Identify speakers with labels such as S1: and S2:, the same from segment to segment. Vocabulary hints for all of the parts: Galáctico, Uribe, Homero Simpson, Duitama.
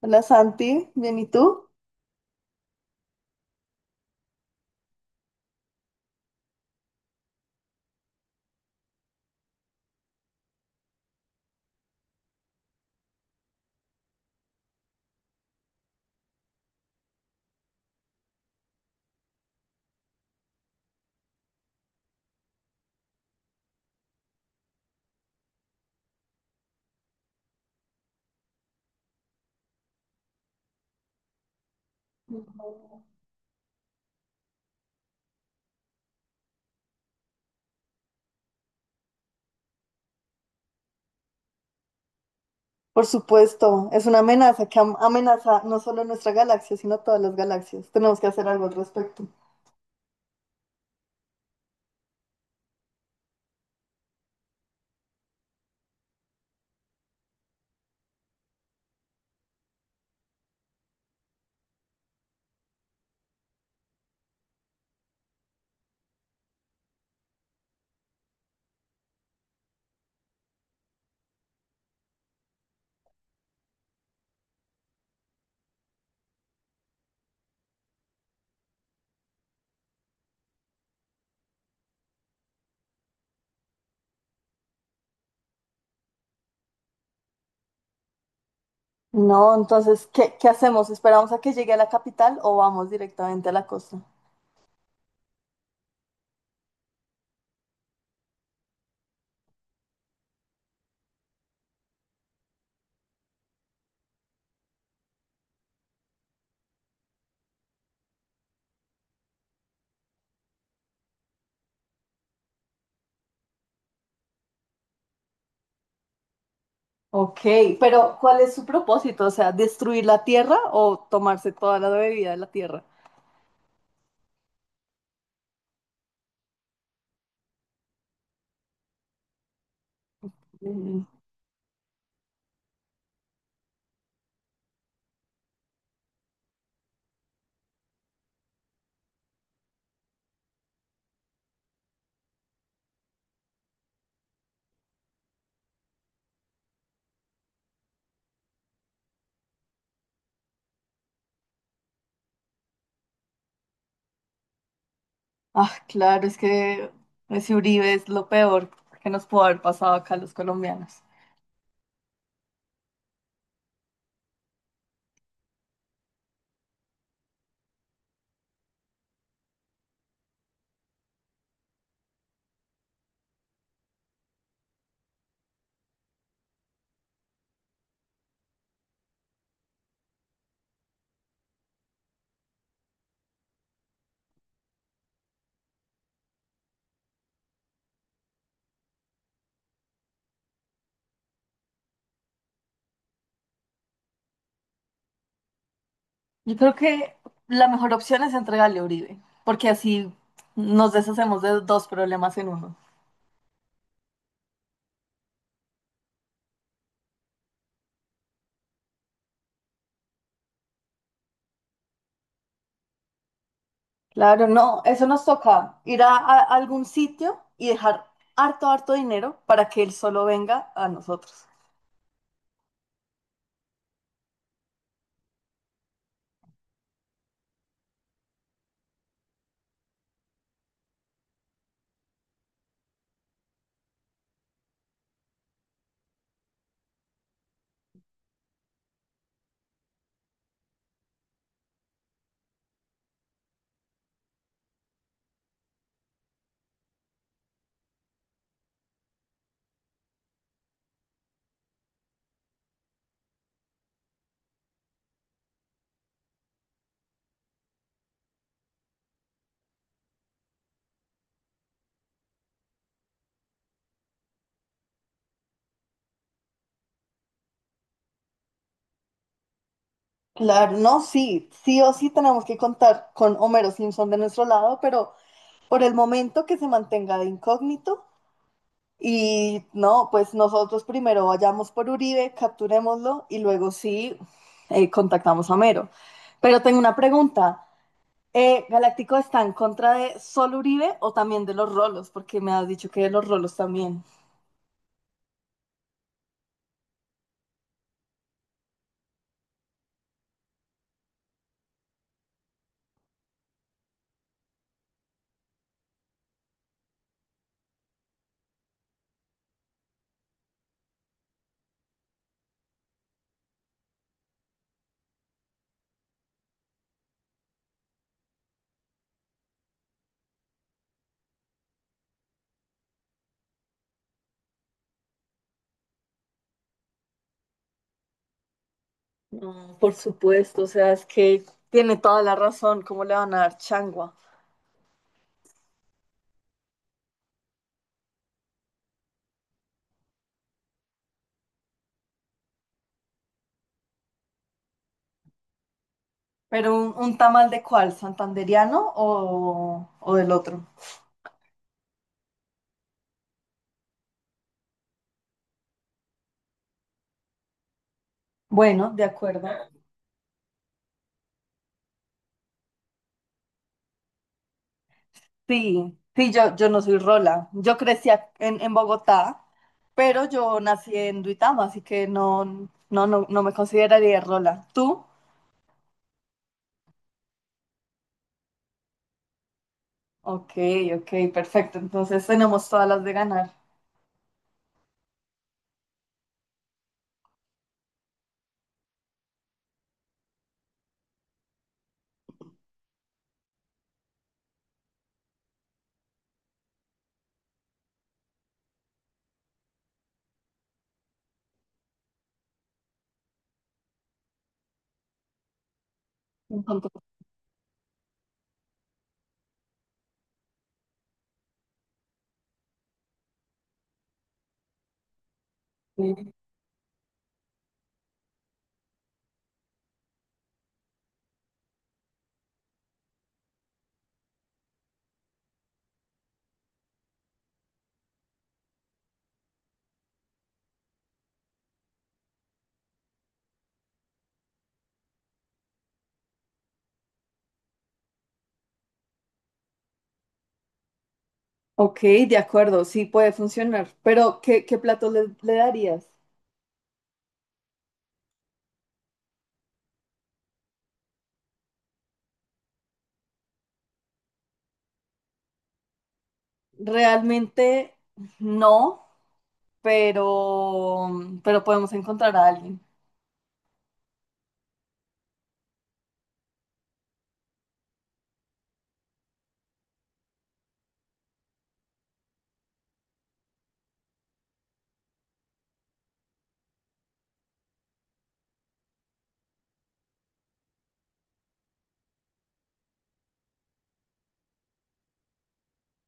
S1: Hola Santi, bien, ¿y tú? Ujú. Por supuesto, es una amenaza que amenaza no solo nuestra galaxia, sino todas las galaxias. Tenemos que hacer algo al respecto. No, entonces, ¿qué hacemos? ¿Esperamos a que llegue a la capital o vamos directamente a la costa? Ok, pero ¿cuál es su propósito? O sea, ¿destruir la Tierra o tomarse toda la bebida de la Tierra? Mm. Ah, claro, es que ese Uribe es lo peor que nos pudo haber pasado acá a los colombianos. Yo creo que la mejor opción es entregarle a Uribe, porque así nos deshacemos de dos problemas en uno. Claro, no, eso nos toca ir a algún sitio y dejar harto, harto dinero para que él solo venga a nosotros. Claro, no, sí, sí o sí tenemos que contar con Homero Simpson de nuestro lado, pero por el momento que se mantenga de incógnito. Y no, pues nosotros primero vayamos por Uribe, capturémoslo y luego sí contactamos a Mero. Pero tengo una pregunta. ¿Galáctico está en contra de solo Uribe o también de los rolos? Porque me has dicho que de los rolos también. No, por supuesto, o sea, es que tiene toda la razón, ¿cómo le van a dar changua? Pero un tamal de cuál, ¿santanderiano o del otro? Bueno, de acuerdo. Sí, sí, yo no soy rola. En Bogotá, pero yo nací en Duitama, así que no me consideraría rola. ¿Tú? Ok, ok, perfecto. Entonces tenemos todas las de ganar. Un sí. Ok, de acuerdo, sí puede funcionar. Pero, ¿qué plato le, le darías? Realmente no, pero, pero podemos encontrar a alguien.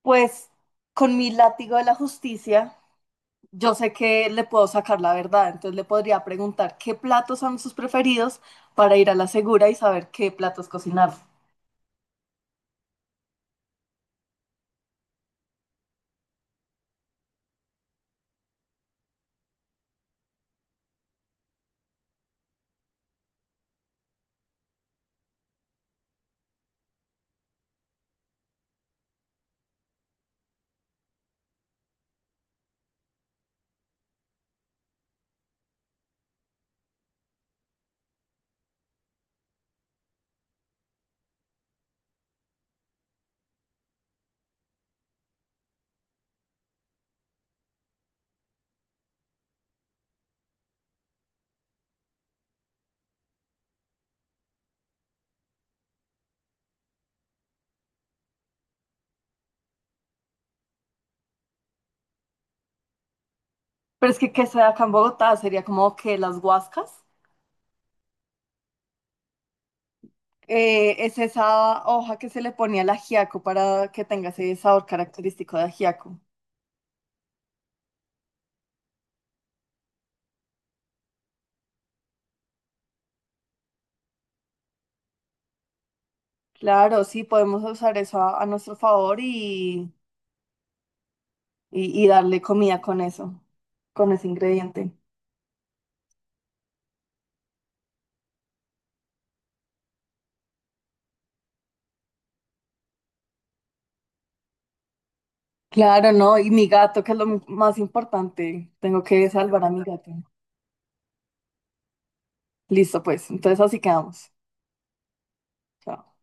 S1: Pues con mi látigo de la justicia, yo sé que le puedo sacar la verdad, entonces le podría preguntar qué platos son sus preferidos para ir a la segura y saber qué platos cocinar. Pero es que sea acá en Bogotá sería como que las guascas. Es esa hoja que se le pone al ajiaco para que tenga ese sabor característico de ajiaco. Claro, sí, podemos usar eso a nuestro favor y, y darle comida con eso, con ese ingrediente. Claro, no, y mi gato, que es lo más importante. Tengo que salvar a mi gato. Listo, pues. Entonces así quedamos. Chao.